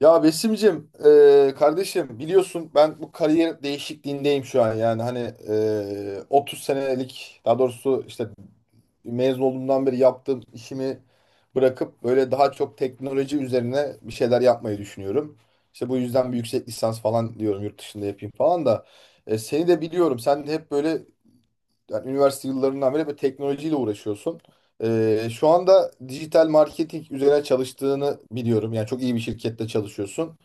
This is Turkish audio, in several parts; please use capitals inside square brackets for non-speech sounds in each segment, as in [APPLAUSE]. Ya Besim'cim, kardeşim biliyorsun ben bu kariyer değişikliğindeyim şu an. Yani hani 30 senelik, daha doğrusu işte mezun olduğumdan beri yaptığım işimi bırakıp böyle daha çok teknoloji üzerine bir şeyler yapmayı düşünüyorum. İşte bu yüzden bir yüksek lisans falan diyorum, yurt dışında yapayım falan da. Seni de biliyorum, sen de hep böyle yani üniversite yıllarından beri böyle teknolojiyle uğraşıyorsun. Şu anda dijital marketing üzerine çalıştığını biliyorum. Yani çok iyi bir şirkette çalışıyorsun.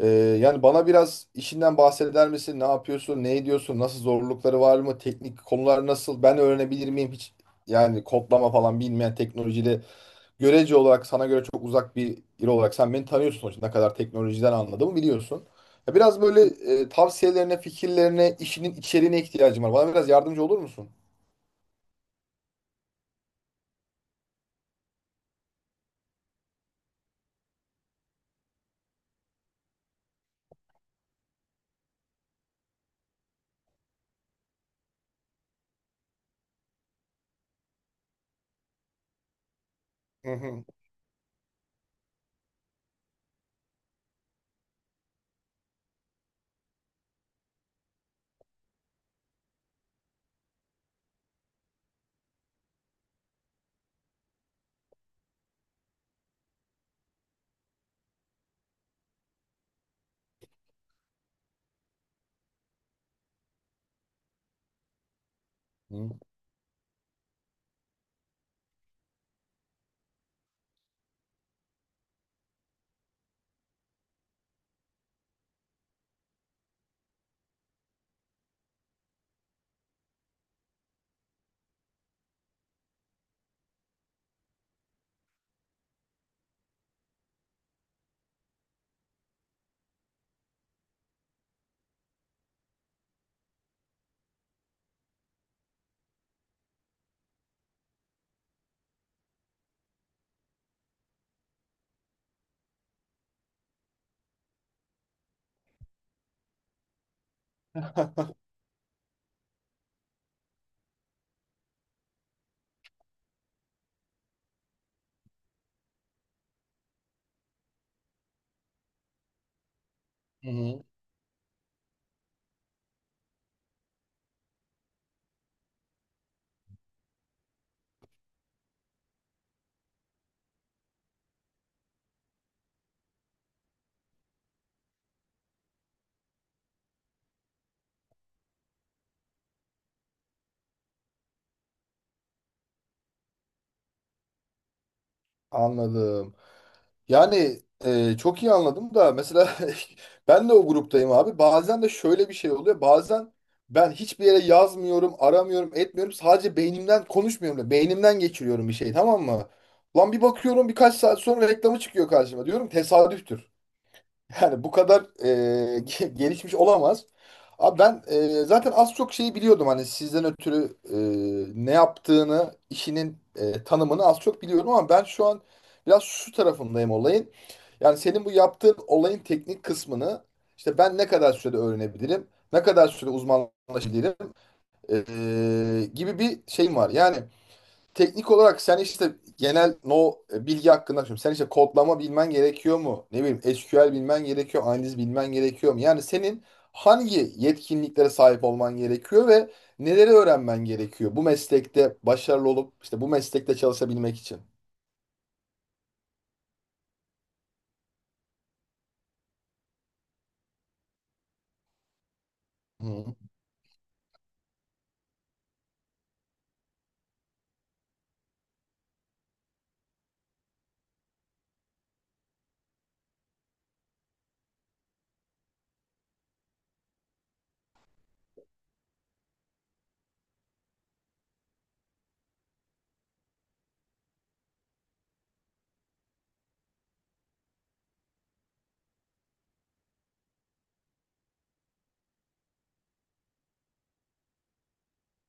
Ee, Yani bana biraz işinden bahseder misin? Ne yapıyorsun? Ne ediyorsun? Nasıl, zorlukları var mı? Teknik konular nasıl? Ben öğrenebilir miyim hiç? Yani kodlama falan bilmeyen, teknolojide görece olarak sana göre çok uzak bir yer olarak, sen beni tanıyorsun sonuçta. Ne kadar teknolojiden anladığımı biliyorsun. Ya, biraz böyle tavsiyelerine, fikirlerine, işinin içeriğine ihtiyacım var. Bana biraz yardımcı olur musun? Hı hı. Hı hı. Hı hı. Anladım. Yani, çok iyi anladım da mesela [LAUGHS] ben de o gruptayım abi. Bazen de şöyle bir şey oluyor. Bazen ben hiçbir yere yazmıyorum, aramıyorum, etmiyorum. Sadece beynimden konuşmuyorum da beynimden geçiriyorum bir şey, tamam mı? Lan bir bakıyorum, birkaç saat sonra reklamı çıkıyor karşıma. Diyorum tesadüftür. Yani bu kadar gelişmiş olamaz. Abi, ben zaten az çok şeyi biliyordum hani sizden ötürü, ne yaptığını, işinin tanımını az çok biliyordum, ama ben şu an biraz şu tarafındayım olayın. Yani senin bu yaptığın olayın teknik kısmını, işte ben ne kadar sürede öğrenebilirim, ne kadar süre uzmanlaşabilirim e, gibi bir şeyim var. Yani teknik olarak sen işte genel no e, bilgi hakkında, şimdi sen işte kodlama bilmen gerekiyor mu? Ne bileyim, SQL bilmen gerekiyor, analiz bilmen gerekiyor mu? Yani senin hangi yetkinliklere sahip olman gerekiyor ve neleri öğrenmen gerekiyor bu meslekte başarılı olup işte bu meslekte çalışabilmek için? Hı hı.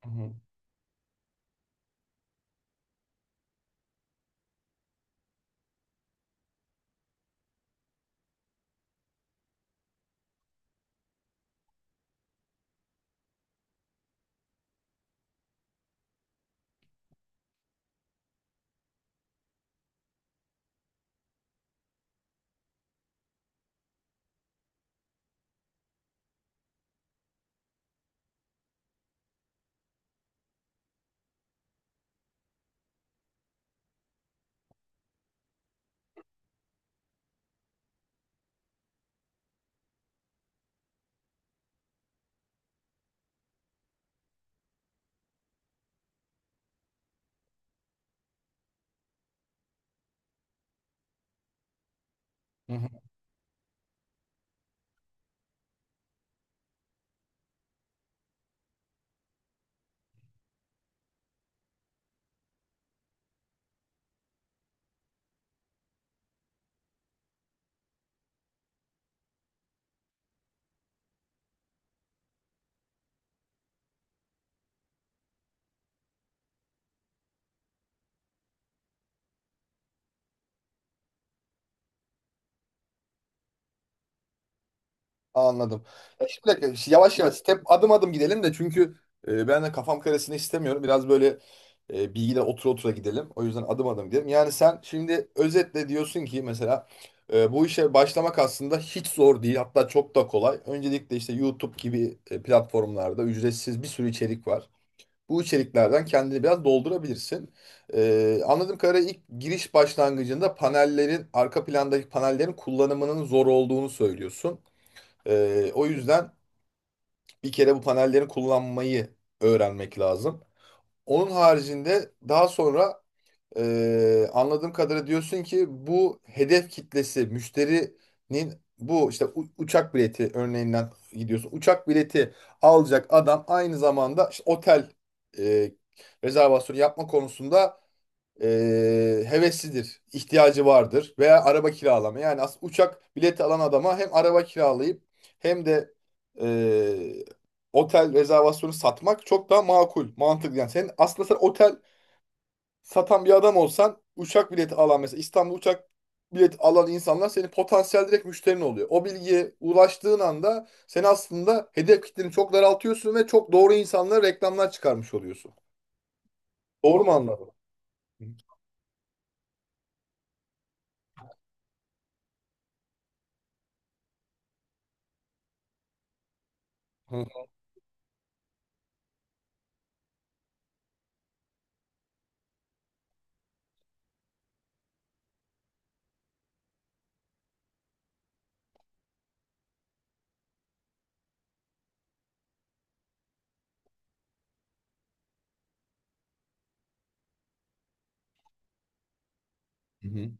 Hı hı. Anladım. Ya şimdi yavaş yavaş, adım adım gidelim de, çünkü ben de kafam karışsın istemiyorum. Biraz böyle bilgiler otura otura gidelim. O yüzden adım adım gidelim. Yani sen şimdi özetle diyorsun ki mesela bu işe başlamak aslında hiç zor değil. Hatta çok da kolay. Öncelikle işte YouTube gibi platformlarda ücretsiz bir sürü içerik var. Bu içeriklerden kendini biraz doldurabilirsin. E, anladığım kadarıyla ilk giriş başlangıcında panellerin, arka plandaki panellerin kullanımının zor olduğunu söylüyorsun. O yüzden bir kere bu panelleri kullanmayı öğrenmek lazım. Onun haricinde daha sonra anladığım kadarıyla diyorsun ki, bu hedef kitlesi müşterinin, bu işte uçak bileti örneğinden gidiyorsun. Uçak bileti alacak adam aynı zamanda işte otel e, rezervasyonu yapma konusunda e, heveslidir, ihtiyacı vardır, veya araba kiralama. Yani uçak bileti alan adama hem araba kiralayıp hem de e, otel rezervasyonu satmak çok daha makul, mantıklı. Yani sen aslında, sen otel satan bir adam olsan, uçak bileti alan, mesela İstanbul uçak bileti alan insanlar senin potansiyel direkt müşterin oluyor. O bilgiye ulaştığın anda sen aslında hedef kitleni çok daraltıyorsun ve çok doğru insanlara reklamlar çıkarmış oluyorsun. Doğru mu anladım? Hı hı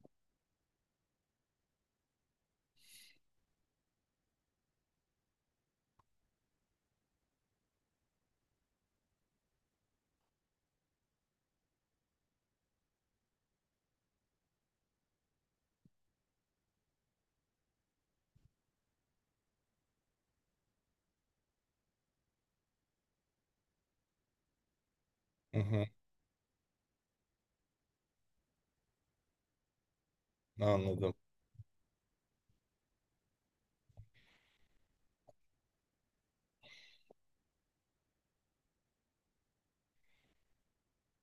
hı. Hı. Anladım.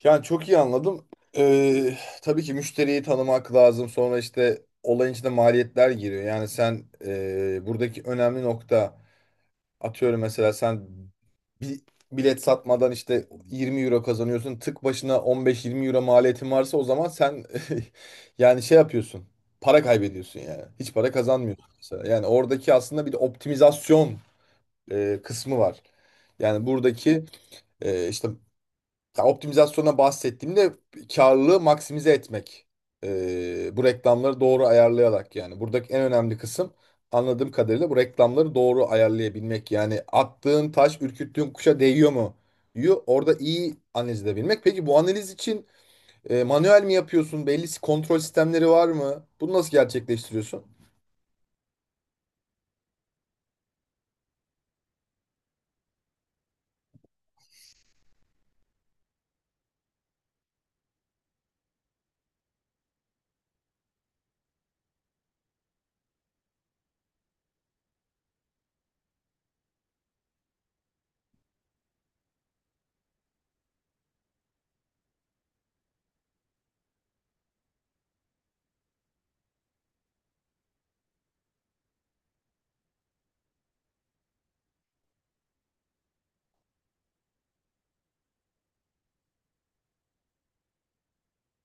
Yani çok iyi anladım. Tabii ki müşteriyi tanımak lazım. Sonra işte olayın içinde maliyetler giriyor. Yani sen, buradaki önemli nokta, atıyorum mesela sen bir bilet satmadan işte 20 euro kazanıyorsun. Tık başına 15-20 euro maliyetin varsa, o zaman sen [LAUGHS] yani şey yapıyorsun. Para kaybediyorsun yani. Hiç para kazanmıyorsun mesela. Yani oradaki aslında bir de optimizasyon kısmı var. Yani buradaki işte, ya optimizasyona bahsettiğimde karlılığı maksimize etmek. Bu reklamları doğru ayarlayarak yani. Buradaki en önemli kısım, anladığım kadarıyla, bu reklamları doğru ayarlayabilmek. Yani attığın taş ürküttüğün kuşa değiyor mu? Orada iyi analiz edebilmek. Peki bu analiz için manuel mi yapıyorsun? Belli kontrol sistemleri var mı? Bunu nasıl gerçekleştiriyorsun?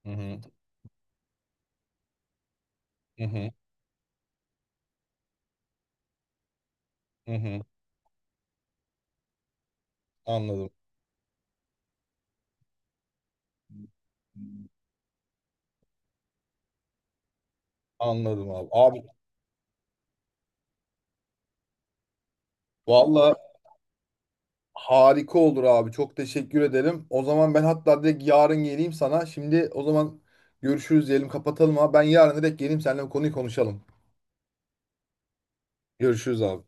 Hı hı, hı hı, hı hı. Anladım. Anladım abi. Abi, valla, harika olur abi. Çok teşekkür ederim. O zaman ben hatta direkt yarın geleyim sana. Şimdi o zaman görüşürüz diyelim, kapatalım abi. Ben yarın direkt geleyim, seninle bu konuyu konuşalım. Görüşürüz abi.